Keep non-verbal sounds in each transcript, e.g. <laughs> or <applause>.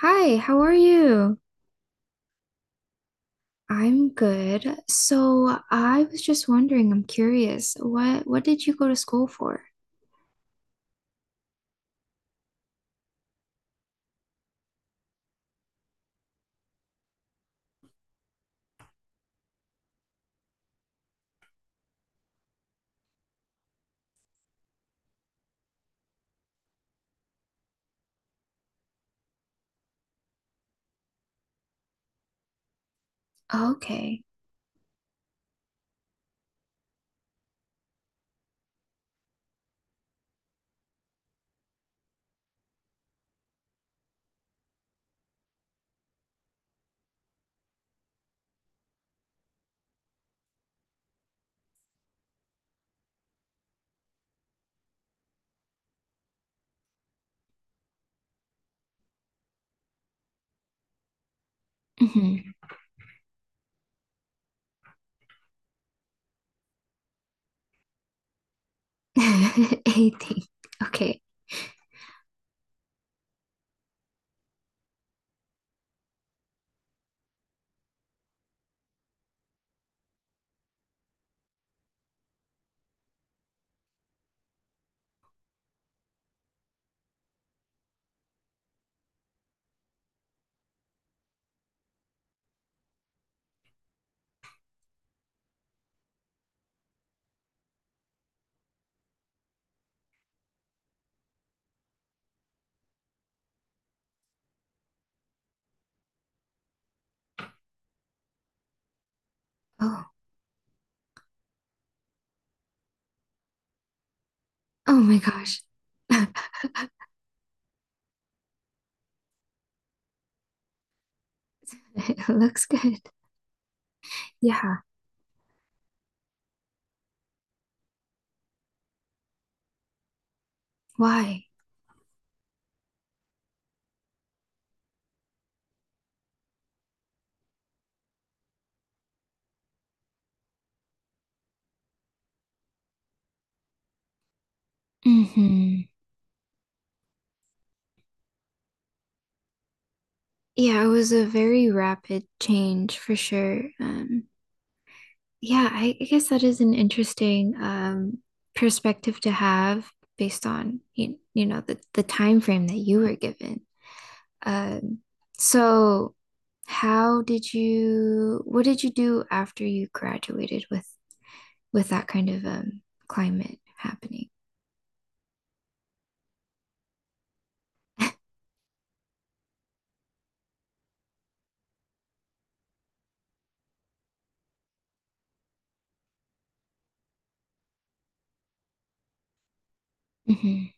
Hi, how are you? I'm good. So I was just wondering, I'm curious, what did you go to school for? Okay. Hmm. <laughs> Anything. Okay. Oh. Oh my gosh. <laughs> It looks good. Yeah. Why? Hmm. Yeah, it was a very rapid change for sure. Yeah, I guess that is an interesting perspective to have based on you know, the time frame that you were given. Um, so how did you what did you do after you graduated with that kind of climate happening? <laughs> Mhm.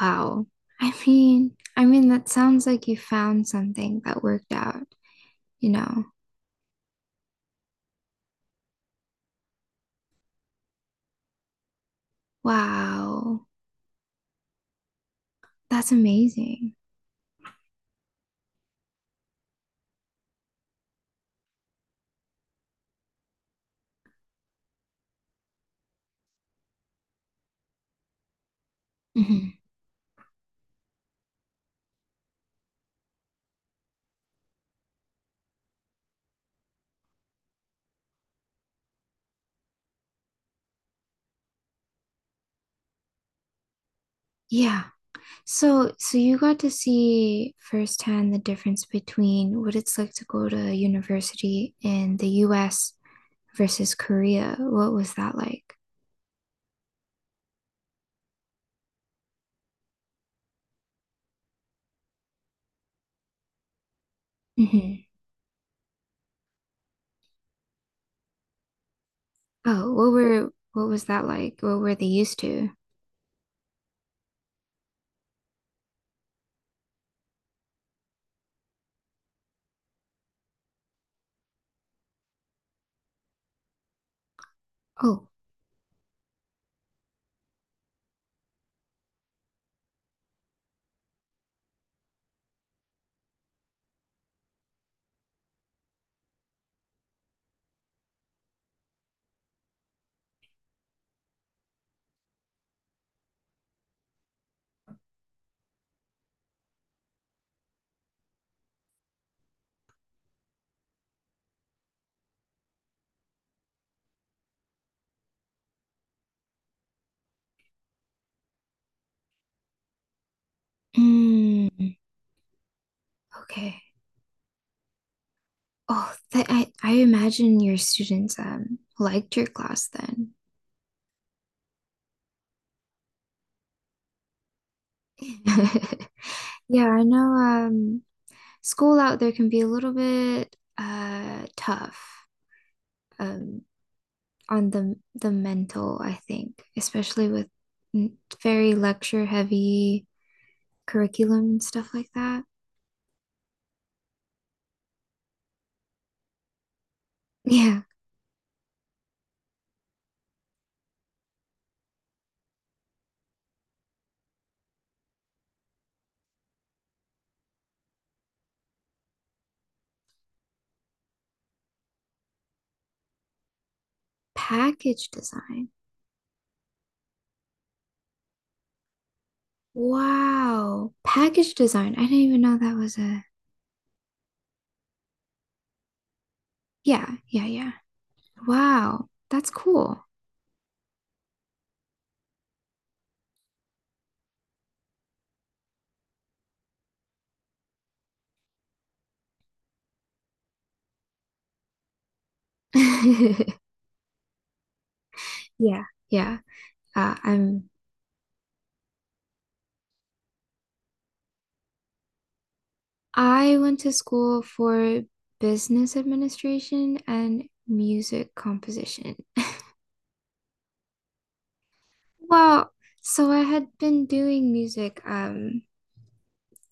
Wow. I mean that sounds like you found something that worked out, you know. Wow. That's amazing. Mhm. Yeah. So, so you got to see firsthand the difference between what it's like to go to university in the US versus Korea. What was that like? Hmm. Oh, what were what was that like? What were they used to? Oh, mm, okay. Oh, that. I imagine your students liked your class then. <laughs> Yeah, I know school out there can be a little bit tough. Um on the mental, I think, especially with very lecture heavy curriculum and stuff like that. Yeah, package design. Wow. Package design. I didn't even know that was a yeah, yeah, yeah. Wow. That's cool. <laughs> Yeah, yeah. Uh, I'm I went to school for business administration and music composition. <laughs> Well, so I had been doing music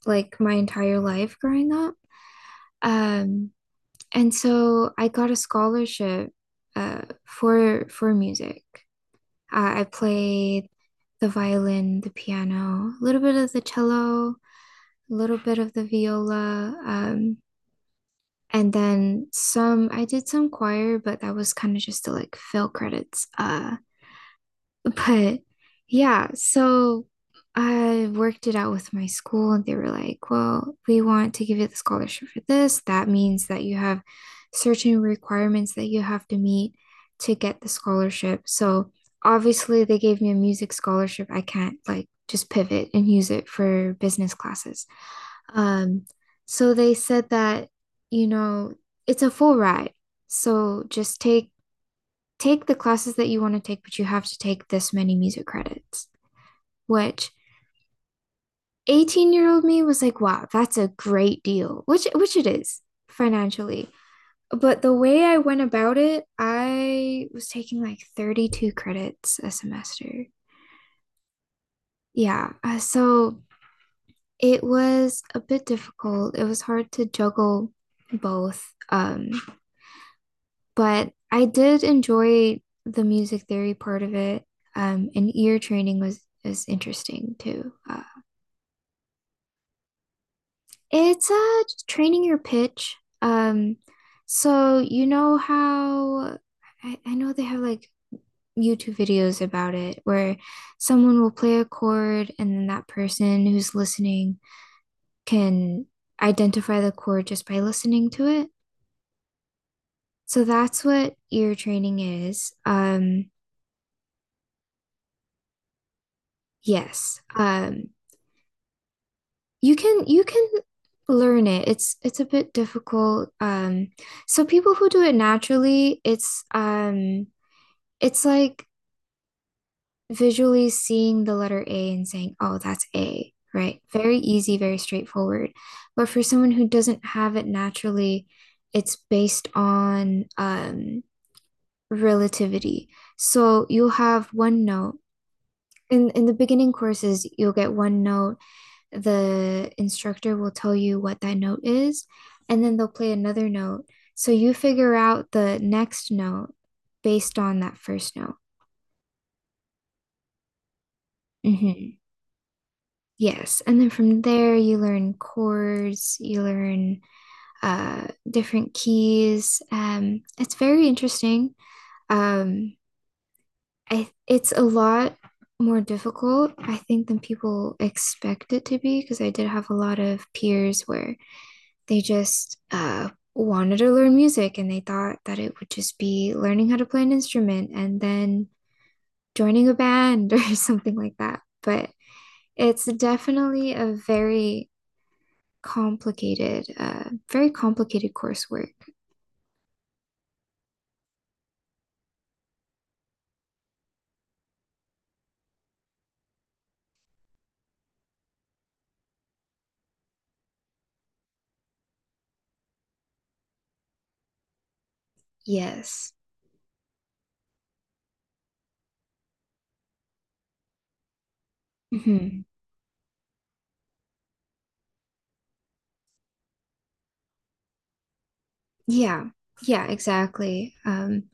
like my entire life growing up. Um, and so I got a scholarship for music. I played the violin, the piano, a little bit of the cello, a little bit of the viola, and then some. I did some choir, but that was kind of just to like fill credits. But yeah, so I worked it out with my school, and they were like, well, we want to give you the scholarship for this. That means that you have certain requirements that you have to meet to get the scholarship. So obviously, they gave me a music scholarship. I can't like just pivot and use it for business classes. Um, so they said that, you know, it's a full ride. So just take the classes that you want to take, but you have to take this many music credits, which 18-year-old year old me was like, wow, that's a great deal, which it is financially. But the way I went about it, I was taking like 32 credits a semester. Yeah, so it was a bit difficult. It was hard to juggle both. Um, But I did enjoy the music theory part of it. And ear training was is interesting too. It's training your pitch. Um, so you know how I know they have like YouTube videos about it where someone will play a chord and then that person who's listening can identify the chord just by listening to it. So that's what ear training is. Yes. You can learn it. It's a bit difficult. So people who do it naturally, it's like visually seeing the letter A and saying, "Oh, that's A," right? Very easy, very straightforward. But for someone who doesn't have it naturally, it's based on relativity. So you'll have one note. In the beginning courses, you'll get one note the instructor will tell you what that note is, and then they'll play another note. So you figure out the next note based on that first note. Hmm. Yes. And then from there, you learn chords, you learn different keys. It's very interesting. Um, it's a lot more difficult, I think, than people expect it to be because I did have a lot of peers where they just wanted to learn music and they thought that it would just be learning how to play an instrument and then joining a band <laughs> or something like that. But it's definitely a very complicated coursework. Yes. Hmm. Yeah. Yeah, exactly. Um,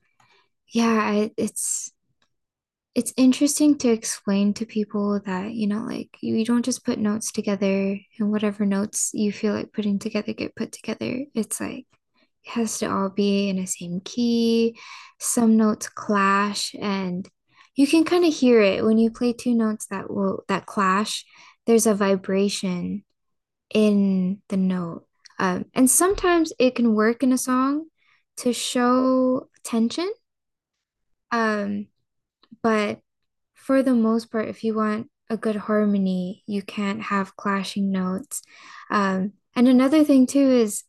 yeah, I, It's interesting to explain to people that, you know, like don't just put notes together and whatever notes you feel like putting together get put together. It's like it has to all be in the same key. Some notes clash and you can kind of hear it when you play two notes that clash. There's a vibration in the note. And sometimes it can work in a song to show tension. Um, but for the most part, if you want a good harmony, you can't have clashing notes. And another thing too is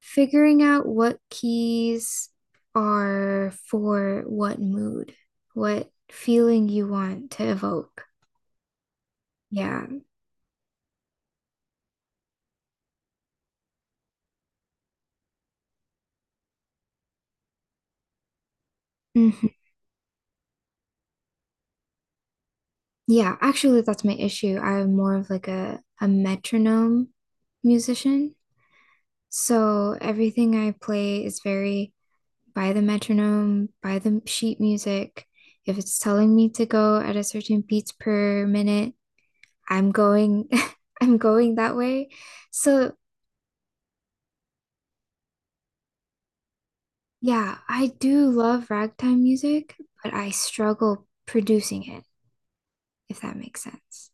figuring out what keys are for what mood, what feeling you want to evoke. Yeah. Mhm. Yeah, actually, that's my issue. I'm more of like a metronome musician. So everything I play is very by the metronome, by the sheet music. If it's telling me to go at a certain beats per minute, I'm going <laughs> I'm going that way. So, yeah, I do love ragtime music, but I struggle producing it, if that makes sense.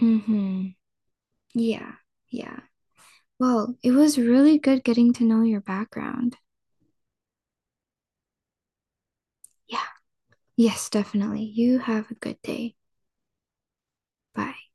Mhm. Yeah. Yeah. Well, it was really good getting to know your background. Yeah. Yes, definitely. You have a good day. Bye.